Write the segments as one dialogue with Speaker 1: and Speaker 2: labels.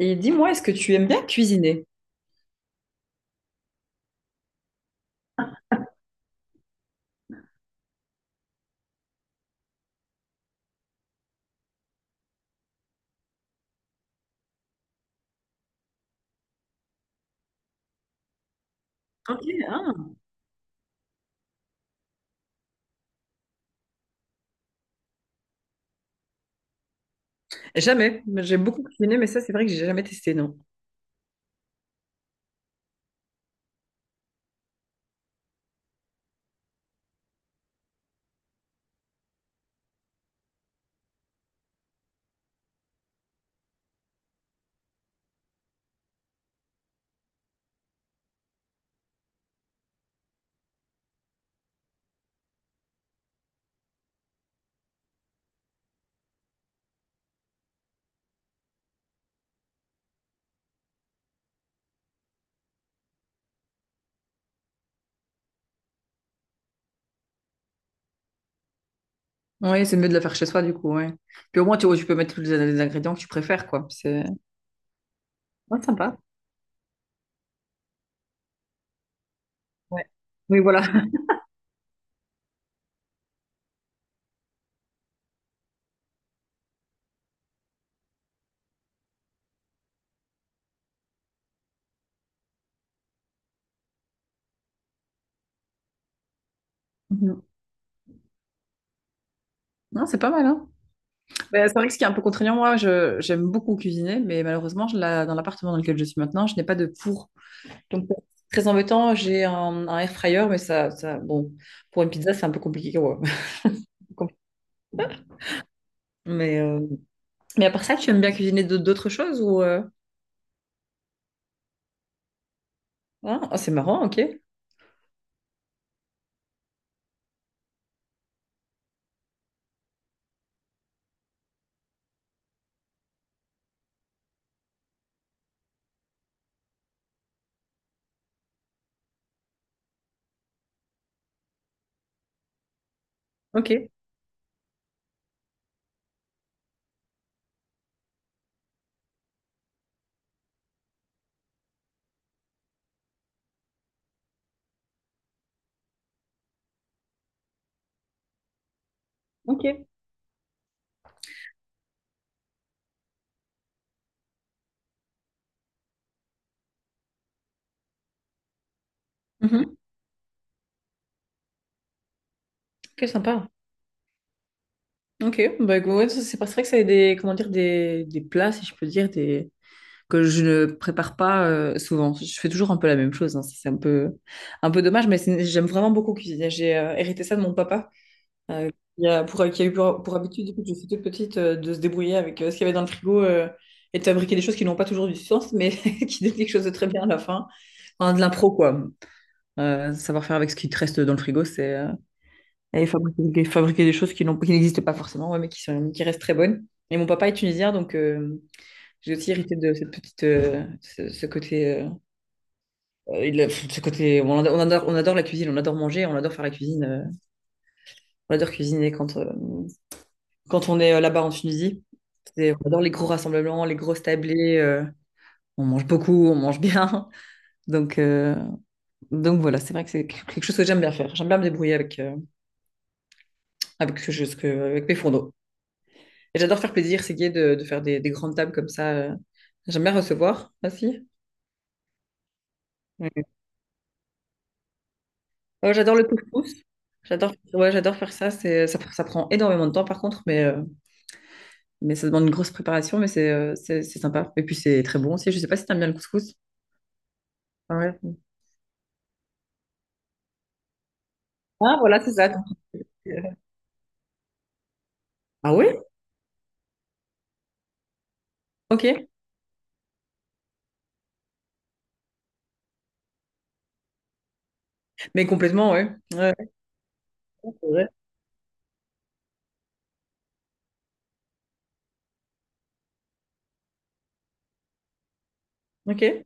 Speaker 1: Et dis-moi, est-ce que tu aimes bien cuisiner? Ok, ah. Jamais. J'ai beaucoup cuisiné, mais ça, c'est vrai que j'ai jamais testé, non. Oui, c'est mieux de le faire chez soi, du coup, ouais. Puis au moins, tu peux mettre les ingrédients que tu préfères, quoi. C'est ouais, sympa. Ouais. Oui, voilà. Mhm. Non, c'est pas mal, hein. Mais c'est vrai que ce qui est un peu contraignant, moi, j'aime beaucoup cuisiner, mais malheureusement, dans l'appartement dans lequel je suis maintenant, je n'ai pas de four. Donc, c'est très embêtant, j'ai un air fryer, mais bon, pour une pizza, c'est un peu compliqué, quoi. Compliqué. Mais, euh, mais à part ça, tu aimes bien cuisiner d'autres choses ou... Ah, ah, c'est marrant, ok. Ok. Ok. Mhm. Ok, sympa. Ok, ouais, ça, c'est pas vrai que ça a des, comment dire, des plats, si je peux dire, des, que je ne prépare pas souvent. Je fais toujours un peu la même chose, hein. Ça, c'est un peu dommage, mais j'aime vraiment beaucoup cuisiner. J'ai hérité ça de mon papa, euh, qui a eu pour habitude, depuis que je suis toute petite, de se débrouiller avec ce qu'il y avait dans le frigo et de fabriquer des choses qui n'ont pas toujours du sens, mais qui donnent quelque chose de très bien à la fin. Enfin, de l'impro, quoi. Savoir faire avec ce qui te reste dans le frigo, c'est... et fabriquer, fabriquer des choses qui n'existaient pas forcément, ouais, mais qui sont, qui restent très bonnes. Et mon papa est tunisien, donc j'ai aussi hérité de cette petite, ce côté, ce côté, on adore, on adore, on adore la cuisine, on adore manger, on adore faire la cuisine, on adore cuisiner quand, quand on est là-bas en Tunisie. On adore les gros rassemblements, les grosses tablées. On mange beaucoup, on mange bien. Donc, euh, donc voilà, c'est vrai que c'est quelque chose que j'aime bien faire. J'aime bien me débrouiller avec, avec, avec mes fourneaux. Et j'adore faire plaisir, c'est gai de faire des grandes tables comme ça. J'aime bien recevoir aussi. Ouais. Oh, j'adore le couscous. J'adore, ouais, j'adore faire ça. Ça prend énormément de temps par contre, mais ça demande une grosse préparation, mais c'est sympa. Et puis c'est très bon aussi. Je sais pas si t'aimes bien le couscous. Ah ouais. Ah voilà, c'est ça. Donc, euh. Ah oui. Ok. Mais complètement, ouais. Ouais, ouais, c'est vrai. Ok.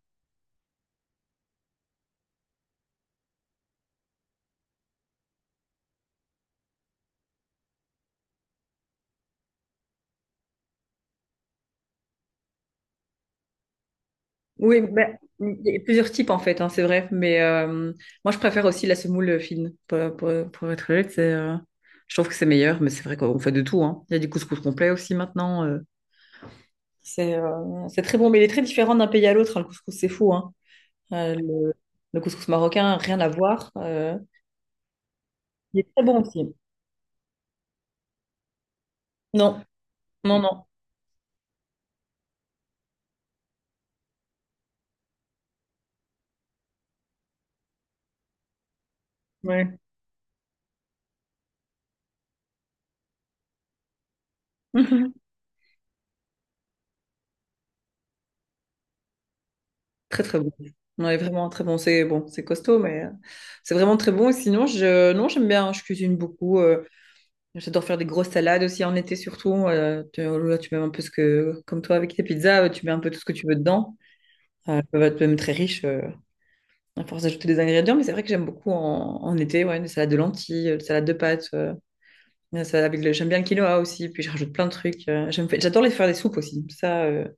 Speaker 1: Oui, ben, il y a plusieurs types en fait, hein, c'est vrai. Mais moi, je préfère aussi la semoule fine. Pour être honnête, c'est, je trouve que c'est meilleur, mais c'est vrai qu'on fait de tout. Hein. Il y a du couscous complet aussi maintenant. Euh. C'est très bon, mais il est très différent d'un pays à l'autre. Hein, le couscous, c'est fou. Hein. Euh, le, le couscous marocain, rien à voir. Euh. Il est très bon aussi. Non, non, non. Ouais. Mhm. Très très bon. Ouais, vraiment très bon. C'est bon, c'est costaud, mais c'est vraiment très bon. Et sinon, je, non, j'aime bien. Je cuisine beaucoup. Euh, j'adore faire des grosses salades aussi en été surtout. Tu, là, tu mets un peu ce que, comme toi avec tes pizzas, tu mets un peu tout ce que tu veux dedans. Elles peuvent être même très riches à force d'ajouter des ingrédients, mais c'est vrai que j'aime beaucoup en été, ouais, des salades de lentilles, des salades de pâtes, des salades avec le, j'aime bien le quinoa aussi, puis je rajoute plein de trucs. Euh, j'adore les faire des soupes aussi. Ça,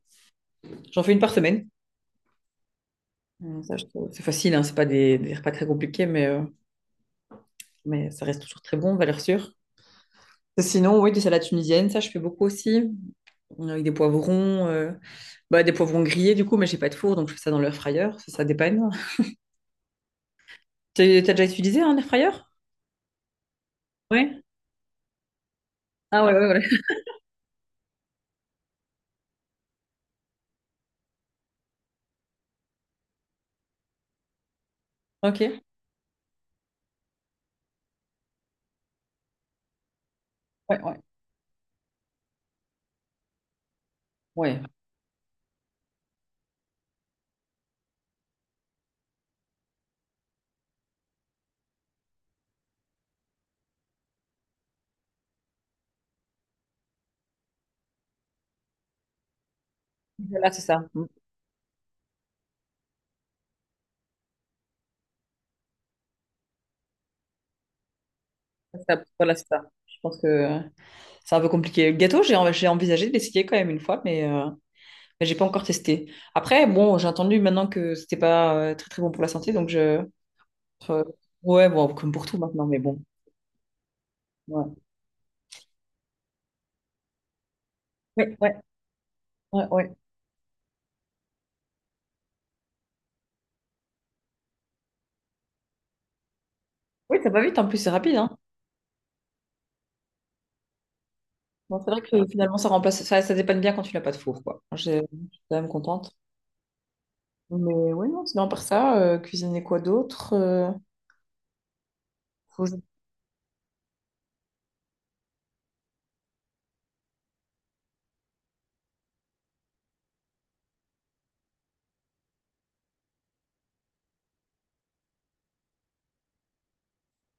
Speaker 1: j'en fais une par semaine. C'est facile, hein, c'est pas des, des repas très compliqués, mais ça reste toujours très bon, valeur sûre. Sinon, oui, des salades tunisiennes, ça je fais beaucoup aussi. Avec des poivrons, bah, des poivrons grillés du coup, mais j'ai pas de four, donc je fais ça dans l'air fryer, ça dépanne. T'as déjà utilisé un air fryer? Ouais. Ah ouais, ouais, ouais. Ok. Ouais, ouais. Ouais. Voilà, c'est ça. Mm. Voilà, c'est ça. Je pense que c'est un peu compliqué. Le gâteau, j'ai envisagé de l'essayer quand même une fois, mais j'ai pas encore testé. Après, bon, j'ai entendu maintenant que c'était pas très très bon pour la santé, donc je. Euh, ouais, bon, comme pour tout maintenant, mais bon. Ouais, ouais, ouais, ouais. Ouais. Oui, ça va vite, en plus, c'est rapide, hein. Bon, c'est vrai que finalement, ça remplace, ça dépanne bien quand tu n'as pas de four, quoi. Je suis quand même contente. Mais ouais, non, sinon, par ça, cuisiner quoi d'autre? Euh, faut que je-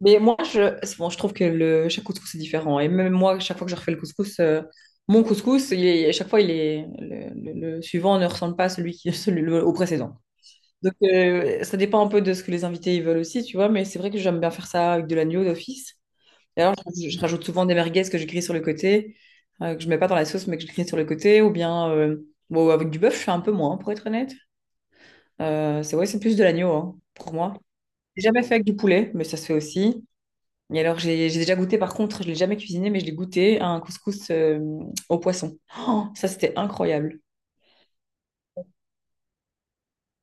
Speaker 1: Mais moi, je, c'est bon, je trouve que le, chaque couscous est différent. Et même moi, chaque fois que je refais le couscous, mon couscous, à chaque fois, il est, le suivant ne ressemble pas à celui qui, celui, au précédent. Donc, ça dépend un peu de ce que les invités ils veulent aussi, tu vois. Mais c'est vrai que j'aime bien faire ça avec de l'agneau d'office. D'ailleurs, je rajoute souvent des merguez que je grille sur le côté, que je mets pas dans la sauce, mais que je grille sur le côté, ou bien bon, avec du bœuf, je fais un peu moins, pour être honnête. C'est vrai, c'est plus de l'agneau, hein, pour moi. J'ai jamais fait avec du poulet, mais ça se fait aussi. Et alors, j'ai déjà goûté, par contre, je l'ai jamais cuisiné, mais je l'ai goûté à un couscous au poisson. Oh, ça, c'était incroyable.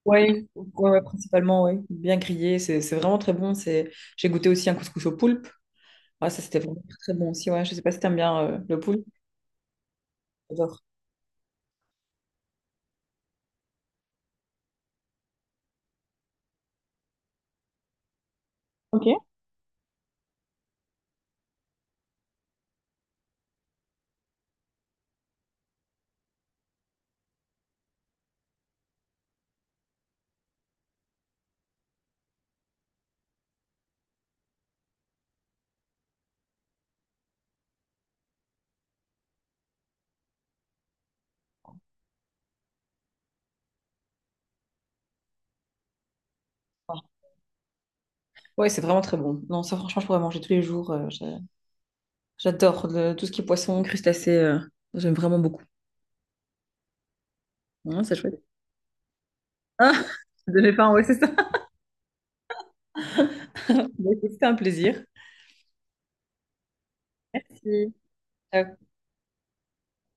Speaker 1: Ouais, ouais, ouais, principalement, ouais. Bien grillé, c'est vraiment très bon. C'est... J'ai goûté aussi un couscous au poulpe. Ah, ça, c'était vraiment très, très bon aussi, ouais. Je sais pas si t'aimes bien le poulpe. J'adore. Ok. Ouais, c'est vraiment très bon. Non, ça, franchement, je pourrais manger tous les jours. Euh, j'adore tout ce qui est poisson, crustacés. Euh, j'aime vraiment beaucoup. Ouais, c'est chouette. Ah, je devais pas, ouais, c'est ça. Bah, écoute, c'était un plaisir. Merci. Ciao.